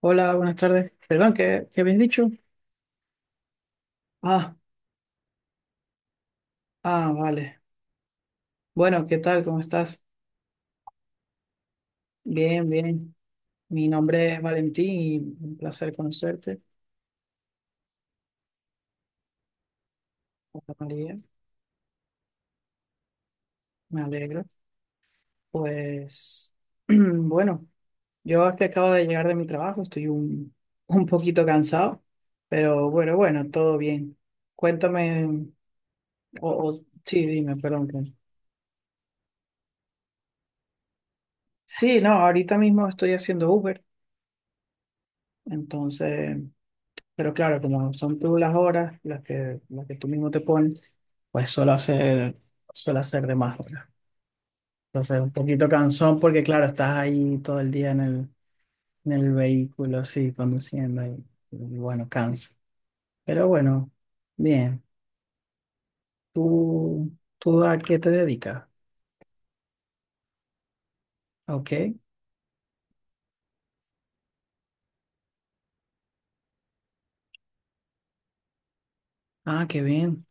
Hola, buenas tardes. Perdón, ¿qué habías dicho? Ah, ah, vale. Bueno, ¿qué tal? ¿Cómo estás? Bien, bien. Mi nombre es Valentín y un placer conocerte. Hola, María, me alegro. Pues, bueno, yo es que acabo de llegar de mi trabajo, estoy un, un poquito cansado, pero bueno, bueno, todo bien. Cuéntame, o, o- sí, dime, perdón. Sí, no, ahorita mismo estoy haciendo Uber. Entonces, pero claro, como son tú las horas las que, tú mismo te pones, pues suelo hacer de más horas. Entonces, un poquito cansón porque claro, estás ahí todo el día en el vehículo, así, conduciendo y bueno, cansa. Pero bueno, bien. ¿Tú, tú a qué te dedicas? Ah, ok. Ah, qué bien.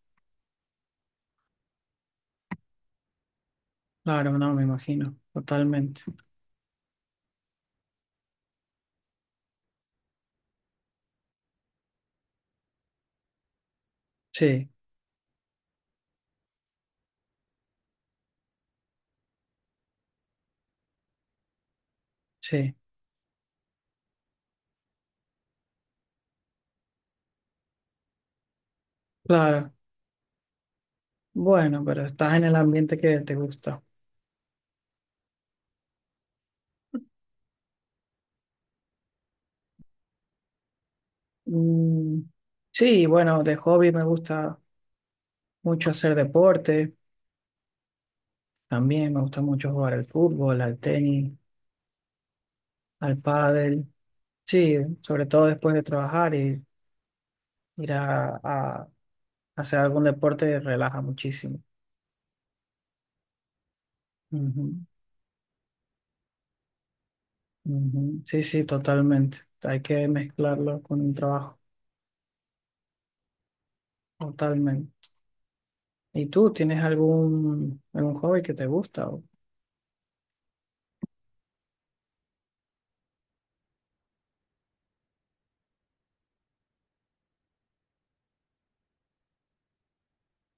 Claro, no, me imagino. Totalmente. Sí, sí. Claro. Bueno, pero estás en el ambiente que te gusta. Mm, sí, bueno, de hobby me gusta mucho hacer deporte. También me gusta mucho jugar al fútbol, al tenis, al pádel. Sí, sobre todo después de trabajar y ir a hacer algún deporte relaja muchísimo. Ujú, ujú. Sí, sí, totalmente. Hay que mezclarlo con el trabajo, totalmente. ¿Y tú tienes algún hobby que te gusta?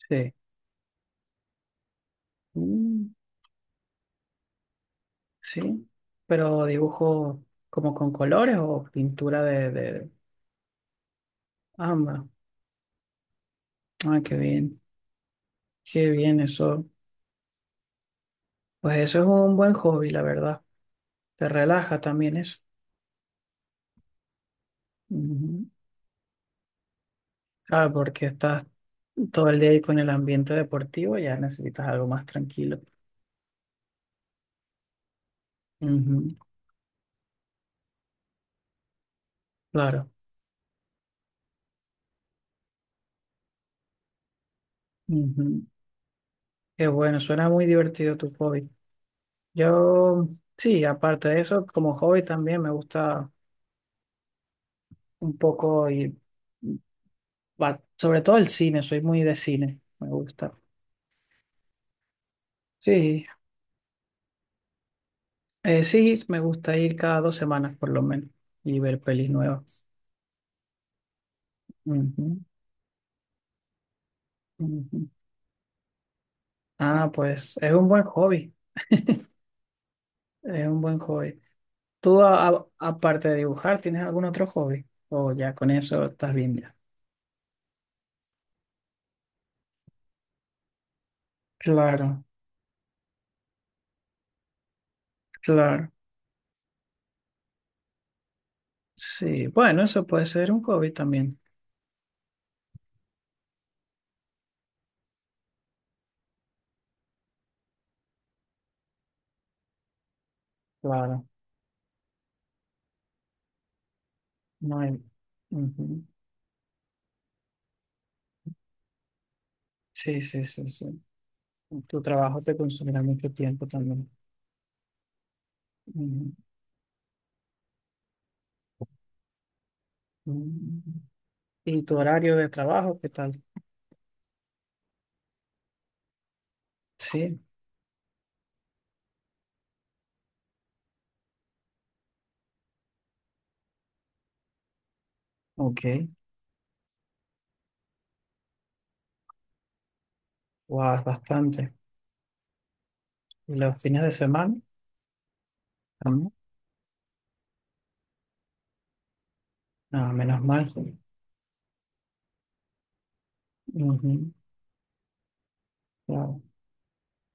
Sí. Sí, pero dibujo como con colores o pintura de ambas. Ah, qué bien eso. Pues eso es un buen hobby, la verdad. Te relaja también eso. Ujú. Claro, porque estás todo el día ahí con el ambiente deportivo, ya necesitas algo más tranquilo. Ujú, claro. Ujú. Qué bueno, suena muy divertido tu hobby. Yo, sí, aparte de eso, como hobby también me gusta un poco ir. Va, sobre todo el cine, soy muy de cine, me gusta. Sí, sí, me gusta ir cada 2 semanas por lo menos y ver pelis nuevas. Ujú, ujú. Ah, pues es un buen hobby, es un buen hobby. ¿Tú aparte de dibujar, tienes algún otro hobby? O ya con eso estás bien ya. Claro, claro. Sí, bueno, eso puede ser un hobby también. Claro, no hay. Ujú. Sí, sí, sí, sí. Tu trabajo te consumirá mucho tiempo también. Ujú, ujú. ¿Y tu horario de trabajo, qué tal? Sí, ok. Wow, bastante. ¿Y los fines de semana? También. No, menos mal. Ujú, wow.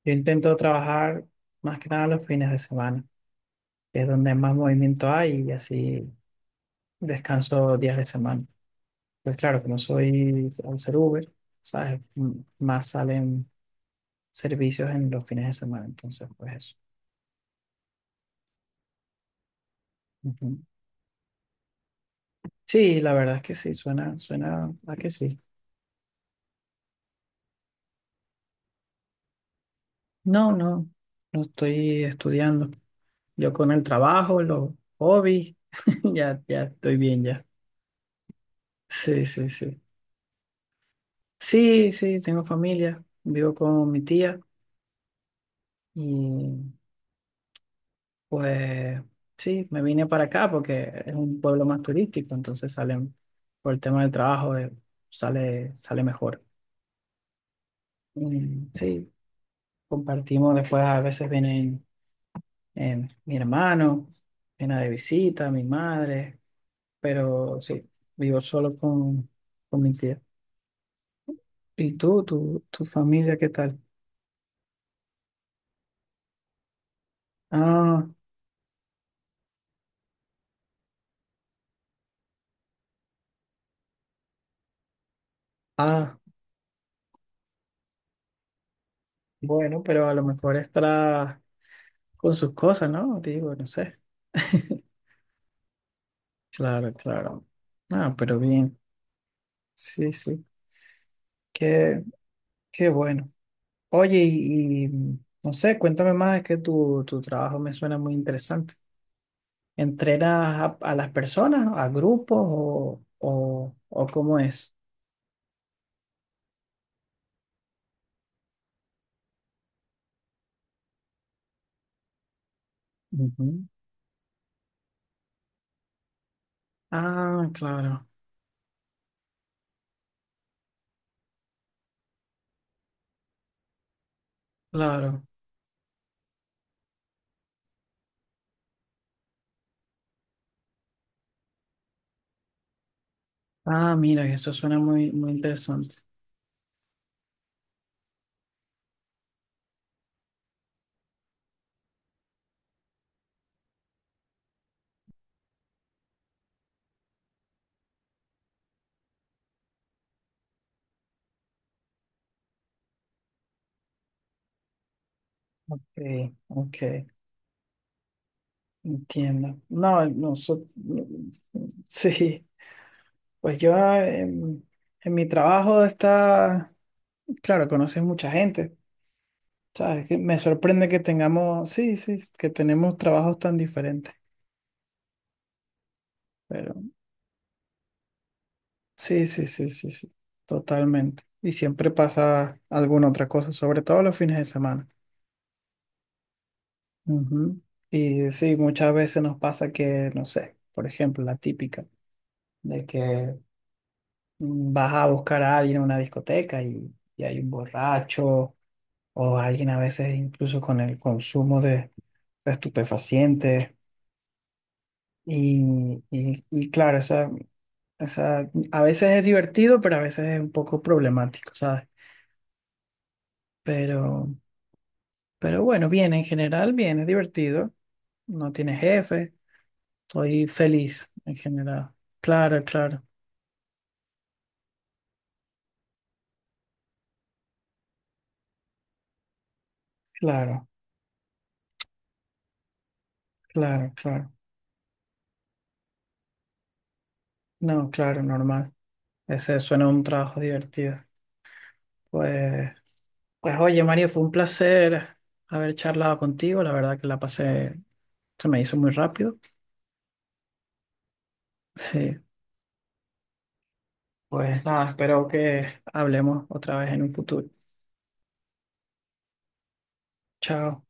Yo intento trabajar más que nada los fines de semana, que es donde más movimiento hay y así descanso días de semana. Pues claro, como soy al ser Uber, ¿sabes? Más salen servicios en los fines de semana, entonces pues eso. Ujú. Sí, la verdad es que sí, suena a que sí. No, no, no estoy estudiando. Yo con el trabajo, los hobbies, ya estoy bien ya. Sí, sí, sí. Sí, sí, tengo familia, vivo con mi tía y pues sí, me vine para acá porque es un pueblo más turístico, entonces salen, por el tema del trabajo, sale mejor. Mm, sí, compartimos después, a veces vienen mi hermano, viene de visita, mi madre. Pero sí, vivo solo con, mi tía. ¿Y tú, tu familia, qué tal? Ah, ah, bueno, pero a lo mejor estará con sus cosas, ¿no? Digo, no sé. Claro, claro. Ah, pero bien. Sí, sí. Qué, qué bueno. Oye, no sé, cuéntame más, es que tu, trabajo me suena muy interesante. ¿Entrenas a las personas, a grupos o cómo es? Ujú. Ah, claro. Claro. Ah, mira, eso suena muy, muy interesante. Ok, ok, entiendo. No, no, no, sí, pues yo en mi trabajo está, claro, conoces mucha gente, ¿sabes? Que me sorprende que tengamos, sí, sí, que tenemos trabajos tan diferentes, pero sí, sí, sí, sí, sí, totalmente. Y siempre pasa alguna otra cosa, sobre todo los fines de semana. Ujú. Y sí, muchas veces nos pasa que, no sé, por ejemplo, la típica de que vas a buscar a alguien en una discoteca y hay un borracho o alguien a veces incluso con el consumo de estupefacientes y claro, esa, a veces es divertido, pero a veces es un poco problemático, ¿sabes? Pero, pero bueno, bien, en general, bien, es divertido, no tiene jefe. Soy feliz en general. Claro, claro, claro, claro, claro. No, claro, normal. Ese suena un trabajo divertido. Pues, pues oye, Mario, fue un placer haber charlado contigo. La verdad que la pasé, se me hizo muy rápido. Sí, pues nada, espero que hablemos otra vez en un futuro. Chao.